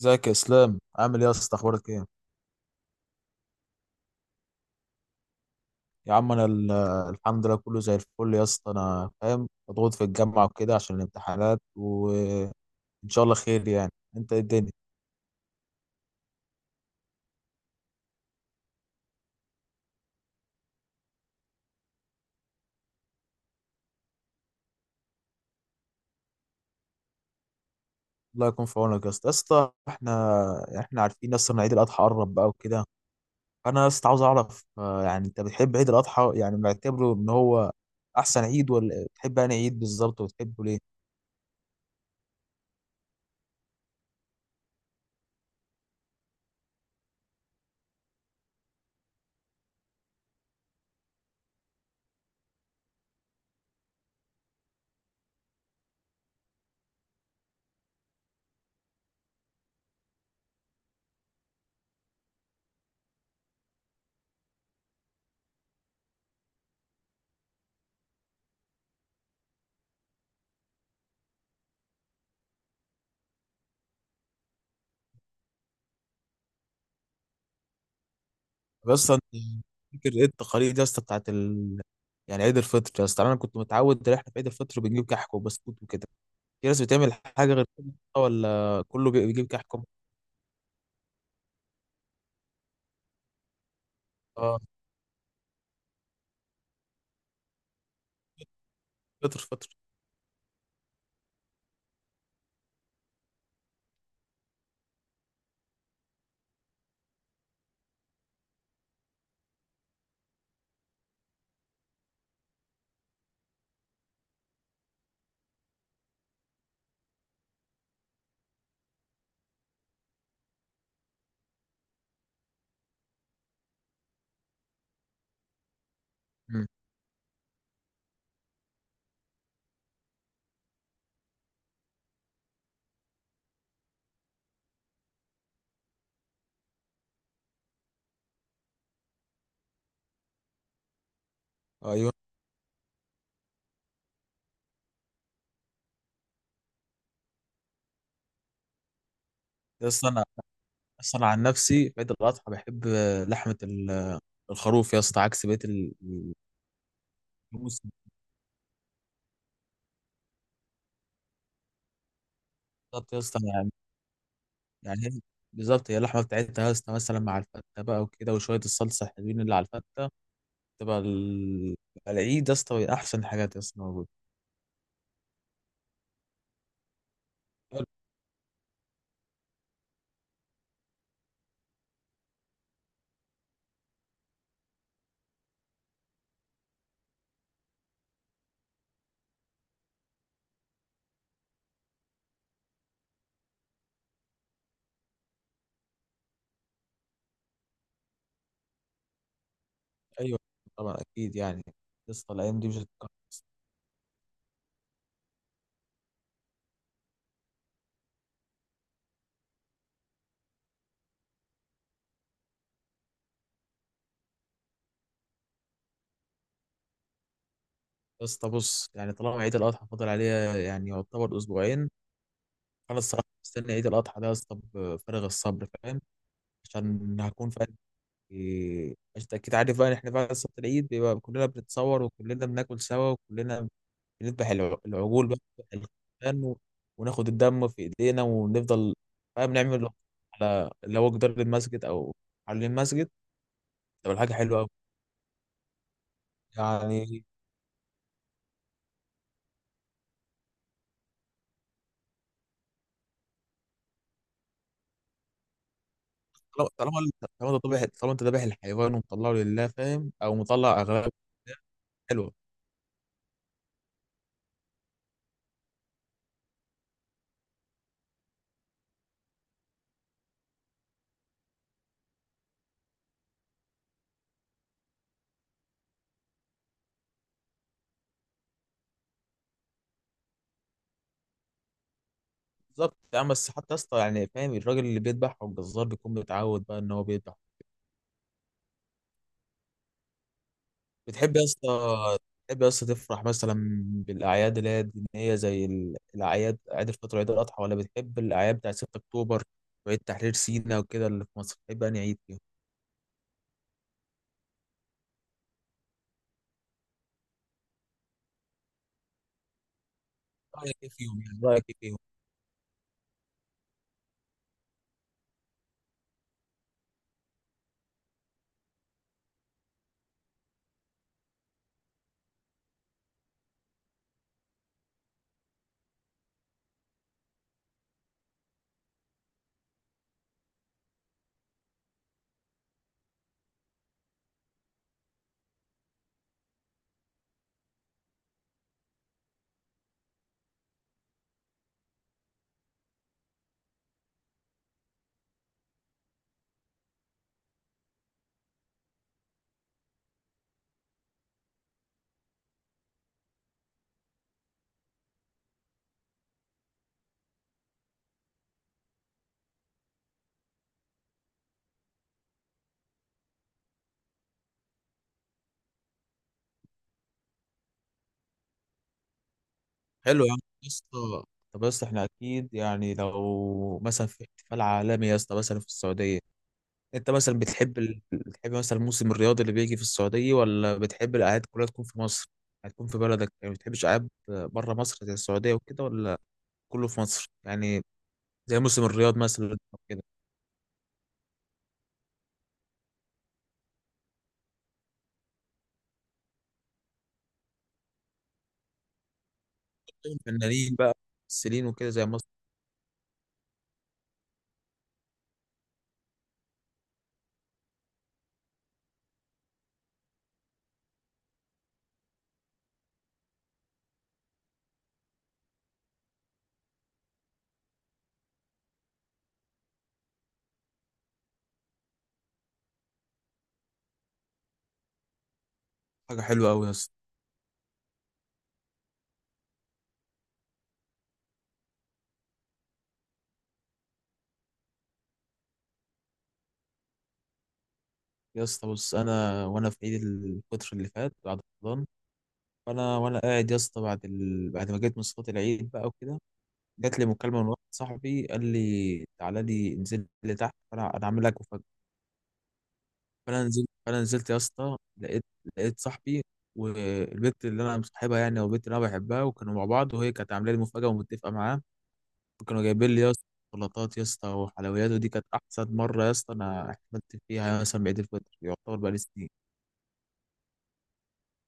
ازيك يا اسلام؟ عامل ايه يا اسطى؟ اخبارك ايه؟ يا عم الحمد لله، كله زي الفل يا اسطى. انا فاهم، مضغوط في الجامعه وكده عشان الامتحانات، وان شاء الله خير يعني. انت ايه الدنيا؟ الله يكون في عونك يا اسطى. يا اسطى احنا عارفين يا اسطى ان عيد الاضحى قرب بقى وكده. انا يا اسطى عاوز اعرف، يعني انت بتحب عيد الاضحى؟ يعني معتبره ان هو احسن عيد ولا بتحب انا عيد بالظبط؟ وبتحبه ليه؟ بس أنا فاكر ايه التقاليد يا اسطى يعني عيد الفطر. يا اسطى انا كنت متعود ان احنا في عيد الفطر بنجيب كحك وبسكوت وكده. في ناس بتعمل حاجه غير كده؟ ولا كله بيجيب كحك اه؟ فطر، فطر. مم. ايوه. يا اسطى انا اصلا عن نفسي في عيد الاضحى بحب لحمه الخروف يا اسطى، عكس بقيه الناموس. بالظبط يا اسطى يعني. يعني هي- بالظبط، هي اللحمه بتاعتها يا اسطى مثلا مع الفته بقى وكده، وشويه الصلصه الحلوين اللي على الفته، تبقى العيد يا اسطى احسن حاجات يا اسطى موجوده. ايوه. طبعا اكيد يعني يا اسطى، الايام دي مش هتتكرر. يا اسطى بص، يعني طالما عيد الاضحى فاضل عليها يعني يعتبر اسبوعين، فانا الصراحه مستني عيد الاضحى ده يا اسطى بفارغ الصبر، فاهم؟ عشان هكون فاهم. يعني انت اكيد عارف بقى ان احنا بعد صلاه العيد بيبقى كلنا بنتصور، وكلنا بناكل سوا، وكلنا بنذبح العجول بقى، بنذبح الخرفان، وناخد الدم في ايدينا ونفضل فاهم نعمل على لو جدار المسجد او على المسجد، تبقى حاجه حلوه قوي يعني. طالما انت ذابح الحيوان ومطلعه لله، فاهم؟ او مطلع اغلبه لله، حلوه. بالظبط يا عم، بس حتى يا اسطى يعني فاهم، الراجل اللي بيذبح او الجزار بيكون متعود بقى ان هو بيذبح. بتحب يا اسطى، بتحب يا اسطى تفرح مثلا بالاعياد اللي هي الدينيه زي الاعياد، عيد الفطر وعيد الاضحى، ولا بتحب الاعياد بتاع 6 اكتوبر وعيد تحرير سيناء وكده اللي في مصر؟ بتحب انهي عيد فيهم؟ رايك ايه فيهم يعني؟ رايك ايه فيهم؟ حلو يا عم يا اسطى. طب يا اسطى احنا اكيد يعني، لو مثلا في احتفال عالمي يا اسطى مثلا في السعوديه، انت مثلا بتحب مثلا الموسم الرياضي اللي بيجي في السعوديه، ولا بتحب الاعياد كلها تكون في مصر؟ هتكون في بلدك يعني، ما بتحبش اعياد بره مصر زي السعوديه وكده، ولا كله في مصر يعني، زي موسم الرياض مثلا أو كده؟ الفنانين بقى، ممثلين وكده زي مصر. حاجه حلوه قوي يا اسطى. يا اسطى بص، انا وانا في عيد الفطر اللي فات بعد رمضان، فانا وانا قاعد يا اسطى بعد ما جيت من صلاه العيد بقى وكده، جات لي مكالمه من واحد صاحبي قال لي تعالى لي، انزل لي تحت، فانا عامل لك مفاجاه. فانا نزلت يا اسطى، لقيت صاحبي والبنت اللي انا مصاحبها يعني، او البنت اللي انا بحبها، وكانوا مع بعض، وهي كانت عامله لي مفاجاه ومتفقه معاه. وكانوا جايبين لي يا اسطى شوكولاتات يا اسطى وحلويات، ودي كانت احسن مره يا اسطى انا احتفلت فيها يعني مثلا بعيد الفطر، يعتبر بقالي سنين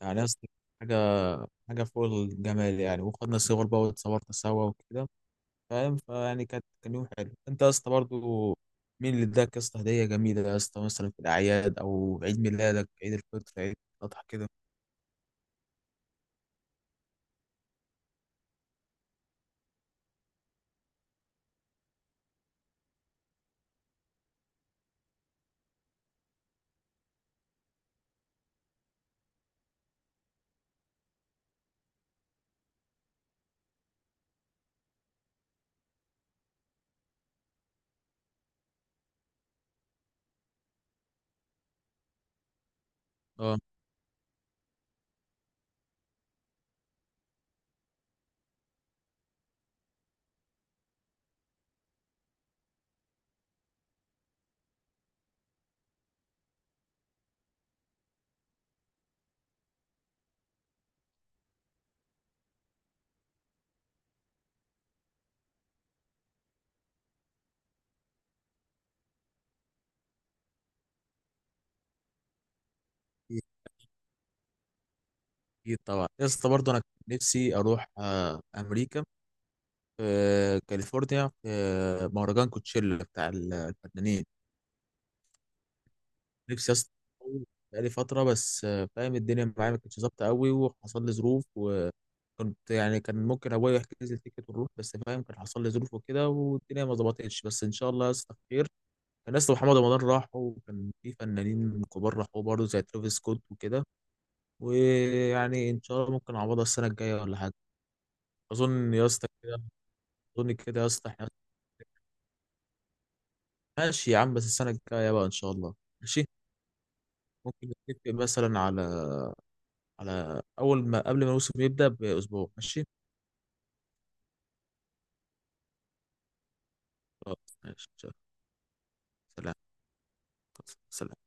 يعني يا اسطى. حاجه حاجه فوق الجمال يعني، وخدنا صور بقى واتصورنا سوا وكده، فاهم؟ فيعني كانت، كان يوم حلو. انت يا اسطى برضه، مين اللي اداك يا اسطى هديه جميله يا اسطى مثلا في الاعياد، او عيد ميلادك، عيد الفطر، عيد الاضحى كده؟ اه، اكيد. أكيد طبعا يا اسطى برضه، انا كان نفسي اروح امريكا، في كاليفورنيا، في مهرجان كوتشيلا بتاع الفنانين. نفسي اصلا بقالي فتره، بس فاهم، الدنيا معايا ما كانتش ظابطه قوي، وحصل لي ظروف، وكنت يعني، كان ممكن ابويا يحجز لي تيكت ونروح، بس فاهم كان حصل لي ظروف وكده والدنيا ما ظبطتش، بس ان شاء الله يا اسطى خير. كان اسطى محمد رمضان راحوا، وكان في فنانين كبار راحوا برضه زي ترافيس سكوت وكده، ويعني ان شاء الله ممكن اعوضها السنه الجايه ولا حاجه. اظن يا اسطى كده، اظن كده يا اسطى احنا ماشي يا عم، بس السنه الجايه بقى ان شاء الله. ماشي، ممكن نتفق مثلا على أول ما، قبل ما الموسم يبدأ بأسبوع، ماشي؟ خلاص ماشي. سلام. سلام.